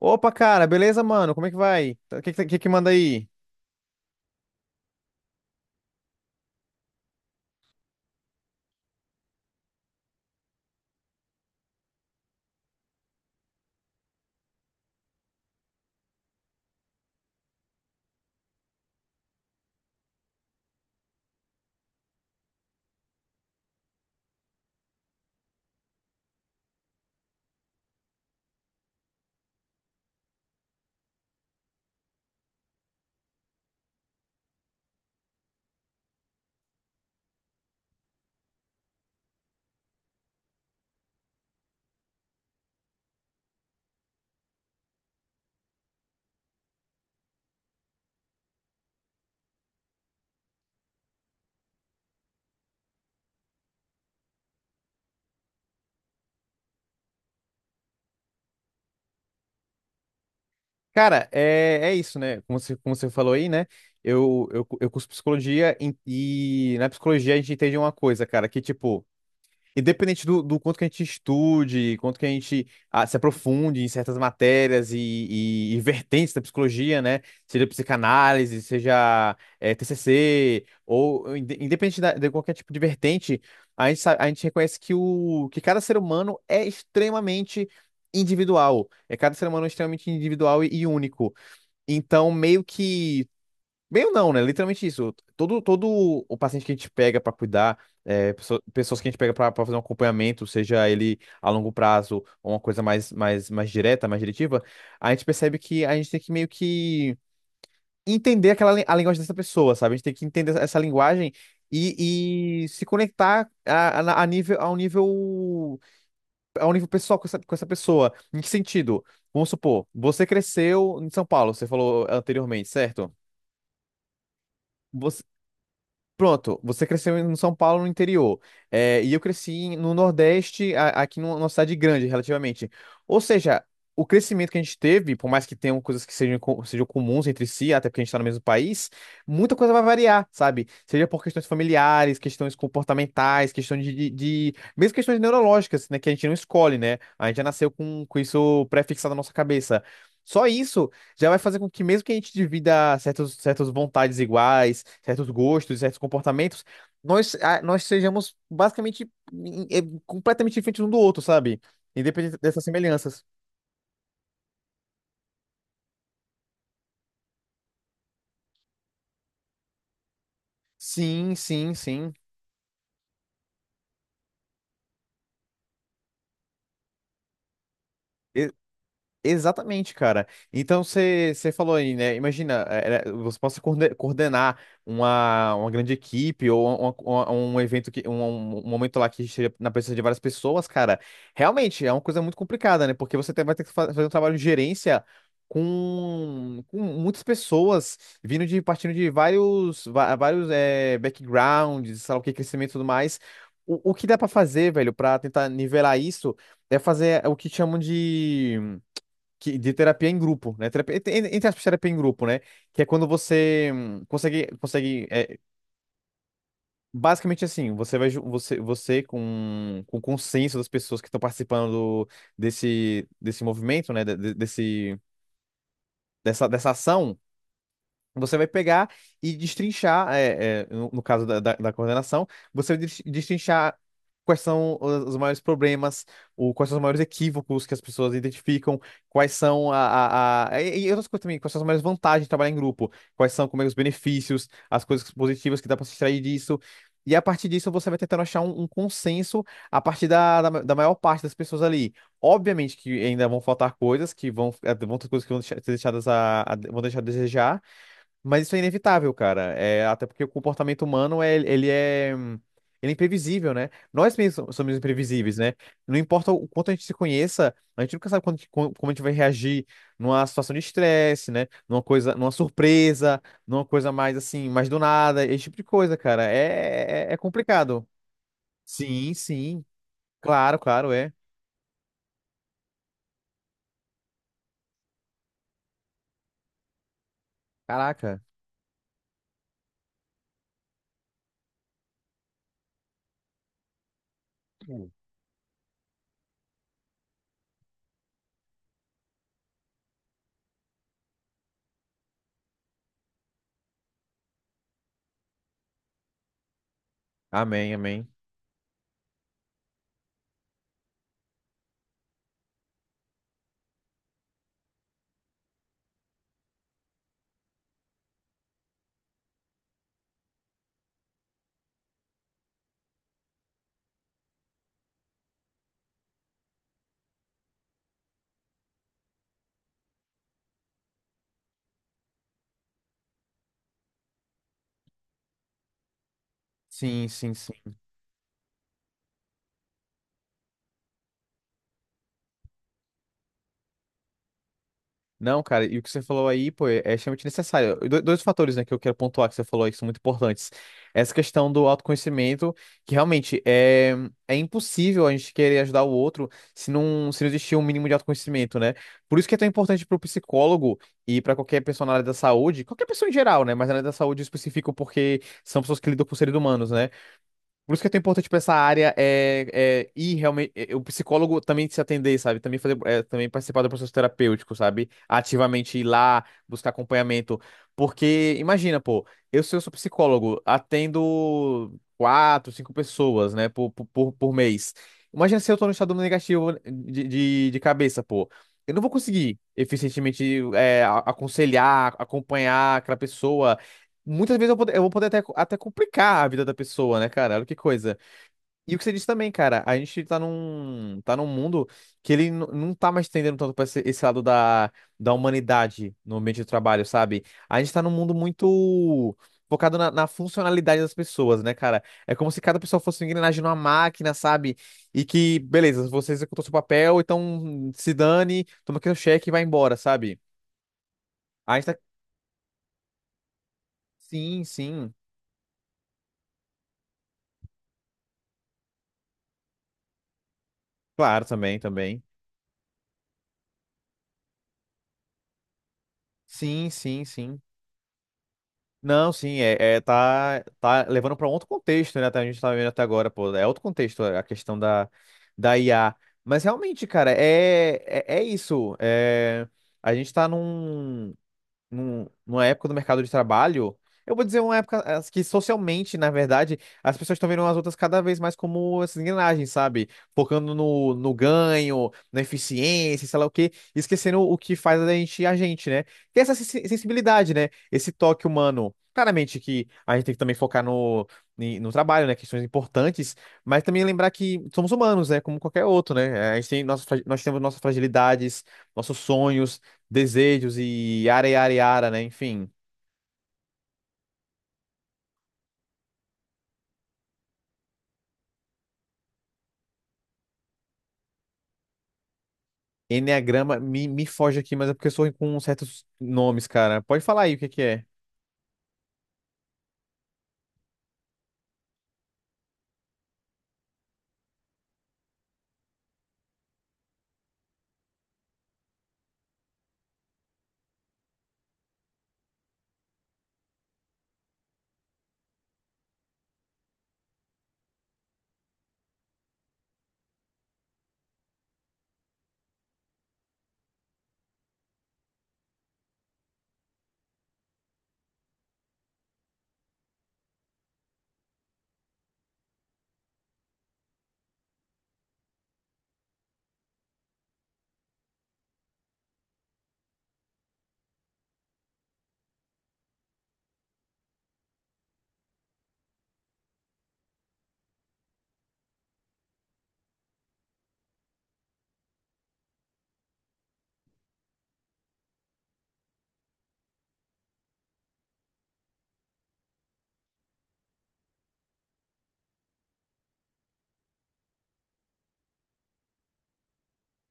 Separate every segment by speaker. Speaker 1: Opa, cara, beleza, mano? Como é que vai? O que que manda aí? Cara, é isso, né? Como você falou aí, né? Eu curso psicologia e na psicologia a gente entende uma coisa, cara, que tipo, independente do quanto que a gente estude, quanto que a gente se aprofunde em certas matérias e vertentes da psicologia, né? Seja psicanálise, seja TCC, ou independente de qualquer tipo de vertente, a gente reconhece que cada ser humano é extremamente individual. É, cada ser humano é extremamente individual e único. Então, meio que bem ou não, né? Literalmente isso. Todo o paciente que a gente pega para cuidar, é, pessoas que a gente pega para fazer um acompanhamento, seja ele a longo prazo ou uma coisa mais direta, mais diretiva, a gente percebe que a gente tem que meio que entender a linguagem dessa pessoa, sabe? A gente tem que entender essa linguagem e se conectar a um nível pessoal com com essa pessoa. Em que sentido? Vamos supor, você cresceu em São Paulo, você falou anteriormente, certo? Você- Pronto, você cresceu em São Paulo, no interior. É, e eu cresci no Nordeste, aqui numa numa cidade grande, relativamente. Ou seja, o crescimento que a gente teve, por mais que tenham coisas que sejam, sejam comuns entre si, até porque a gente está no mesmo país, muita coisa vai variar, sabe? Seja por questões familiares, questões comportamentais, questões mesmo questões neurológicas, né? Que a gente não escolhe, né? A gente já nasceu com isso pré-fixado na nossa cabeça. Só isso já vai fazer com que, mesmo que a gente divida certos, certas vontades iguais, certos gostos, certos comportamentos, nós sejamos basicamente completamente diferentes um do outro, sabe? Independente dessas semelhanças. Sim, sim, sim. Exatamente, cara. Então você falou aí, né? Imagina, você possa coordenar uma grande equipe ou um evento que um momento lá que esteja na presença de várias pessoas, cara. Realmente é uma coisa muito complicada, né? Porque vai ter que fazer um trabalho de gerência com muitas pessoas vindo de partindo de vários é, backgrounds, sei lá o que, crescimento e tudo mais. O que dá pra fazer, velho, pra tentar nivelar isso é fazer o que chamam de terapia em grupo, né? Terapia, entre entre aspas, terapia em grupo, né? Que é quando você consegue é, basicamente assim, você vai, você com o consenso das pessoas que estão participando desse movimento, né? Desse, dessa ação. Você vai pegar e destrinchar, é, é, no caso da coordenação, você vai destrinchar quais são os maiores problemas, ou quais são os maiores equívocos que as pessoas identificam, quais são e outras coisas também, quais são as maiores vantagens de trabalhar em grupo, quais são como é, os benefícios, as coisas positivas que dá para se extrair disso. E a partir disso, você vai tentando achar um consenso a partir da maior parte das pessoas ali. Obviamente que ainda vão faltar coisas, que vão, vão ter coisas que vão ser vão deixar a desejar, mas isso é inevitável, cara. É, até porque o comportamento humano, é, ele é imprevisível, né? Nós mesmos somos imprevisíveis, né? Não importa o quanto a gente se conheça, a gente nunca sabe como como a gente vai reagir numa situação de estresse, né? Numa coisa, numa surpresa, numa coisa mais assim, mais do nada, esse tipo de coisa, cara. É complicado. Sim, sim. Claro, claro, é. Caraca. Amém, amém. Sim, sim, sim. Não, cara, e o que você falou aí, pô, é extremamente necessário. Dois fatores, né, que eu quero pontuar que você falou aí, que são muito importantes. Essa questão do autoconhecimento, que realmente é, é impossível a gente querer ajudar o outro se não existir um mínimo de autoconhecimento, né? Por isso que é tão importante para o psicólogo e para qualquer pessoa na área da saúde, qualquer pessoa em geral, né, mas na área da saúde eu especifico porque são pessoas que lidam com seres humanos, né? Por isso que é tão importante pra essa área é, é ir realmente. É, o psicólogo também se atender, sabe? Também fazer, é, também participar do processo terapêutico, sabe? Ativamente ir lá, buscar acompanhamento. Porque, imagina, pô, eu, se eu sou psicólogo, atendo quatro, cinco pessoas, né, por mês. Imagina se eu tô no estado negativo de cabeça, pô. Eu não vou conseguir eficientemente é, aconselhar, acompanhar aquela pessoa. Muitas vezes eu vou poder até complicar a vida da pessoa, né, cara? Olha que coisa. E o que você disse também, cara, a gente tá num mundo que não tá mais tendendo tanto pra esse lado da humanidade no ambiente de trabalho, sabe? A gente tá num mundo muito focado na funcionalidade das pessoas, né, cara? É como se cada pessoa fosse uma engrenagem numa máquina, sabe? E que, beleza, você executou seu papel, então se dane, toma aqui o cheque e vai embora, sabe? A gente tá. Sim, sim. Claro, também, também. Sim, sim, sim. Não, sim, tá, tá levando para outro contexto, né? até A gente tá vendo até agora, pô, é outro contexto a questão da IA. Mas realmente, cara, é isso. É, a gente numa época do mercado de trabalho, eu vou dizer uma época as que socialmente, na verdade, as pessoas estão vendo as outras cada vez mais como essas engrenagens, sabe? Focando no ganho, na eficiência, sei lá o quê, e esquecendo o que faz a gente, né? Tem essa sensibilidade, né? Esse toque humano. Claramente que a gente tem que também focar no, no trabalho, né? Questões importantes, mas também lembrar que somos humanos, né? Como qualquer outro, né? A gente tem nós temos nossas fragilidades, nossos sonhos desejos e yara, yara, yara, né? Enfim, enneagrama me foge aqui, mas é porque eu sou ruim com certos nomes, cara. Pode falar aí o que que é.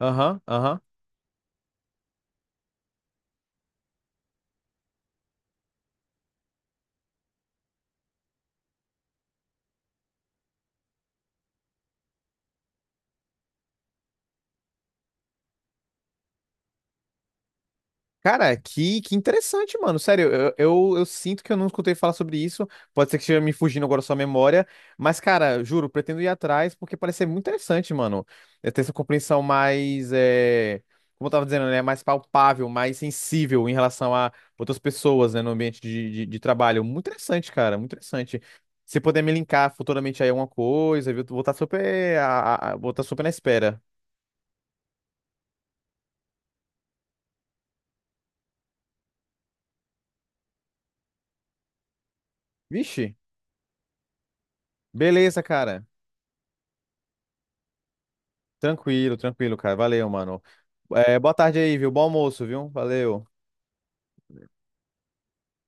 Speaker 1: Aham, aham. Cara, que interessante, mano. Sério, eu sinto que eu não escutei falar sobre isso. Pode ser que esteja me fugindo agora sua memória. Mas, cara, juro, pretendo ir atrás porque parece ser muito interessante, mano. É ter essa compreensão mais. É, como eu tava dizendo, né? Mais palpável, mais sensível em relação a outras pessoas, né? No ambiente de trabalho. Muito interessante, cara. Muito interessante. Se puder me linkar futuramente aí alguma coisa, viu? Vou estar super. Vou estar super na espera. Vixe, beleza, cara. Tranquilo, tranquilo, cara. Valeu, mano. É, boa tarde aí, viu? Bom almoço, viu? Valeu.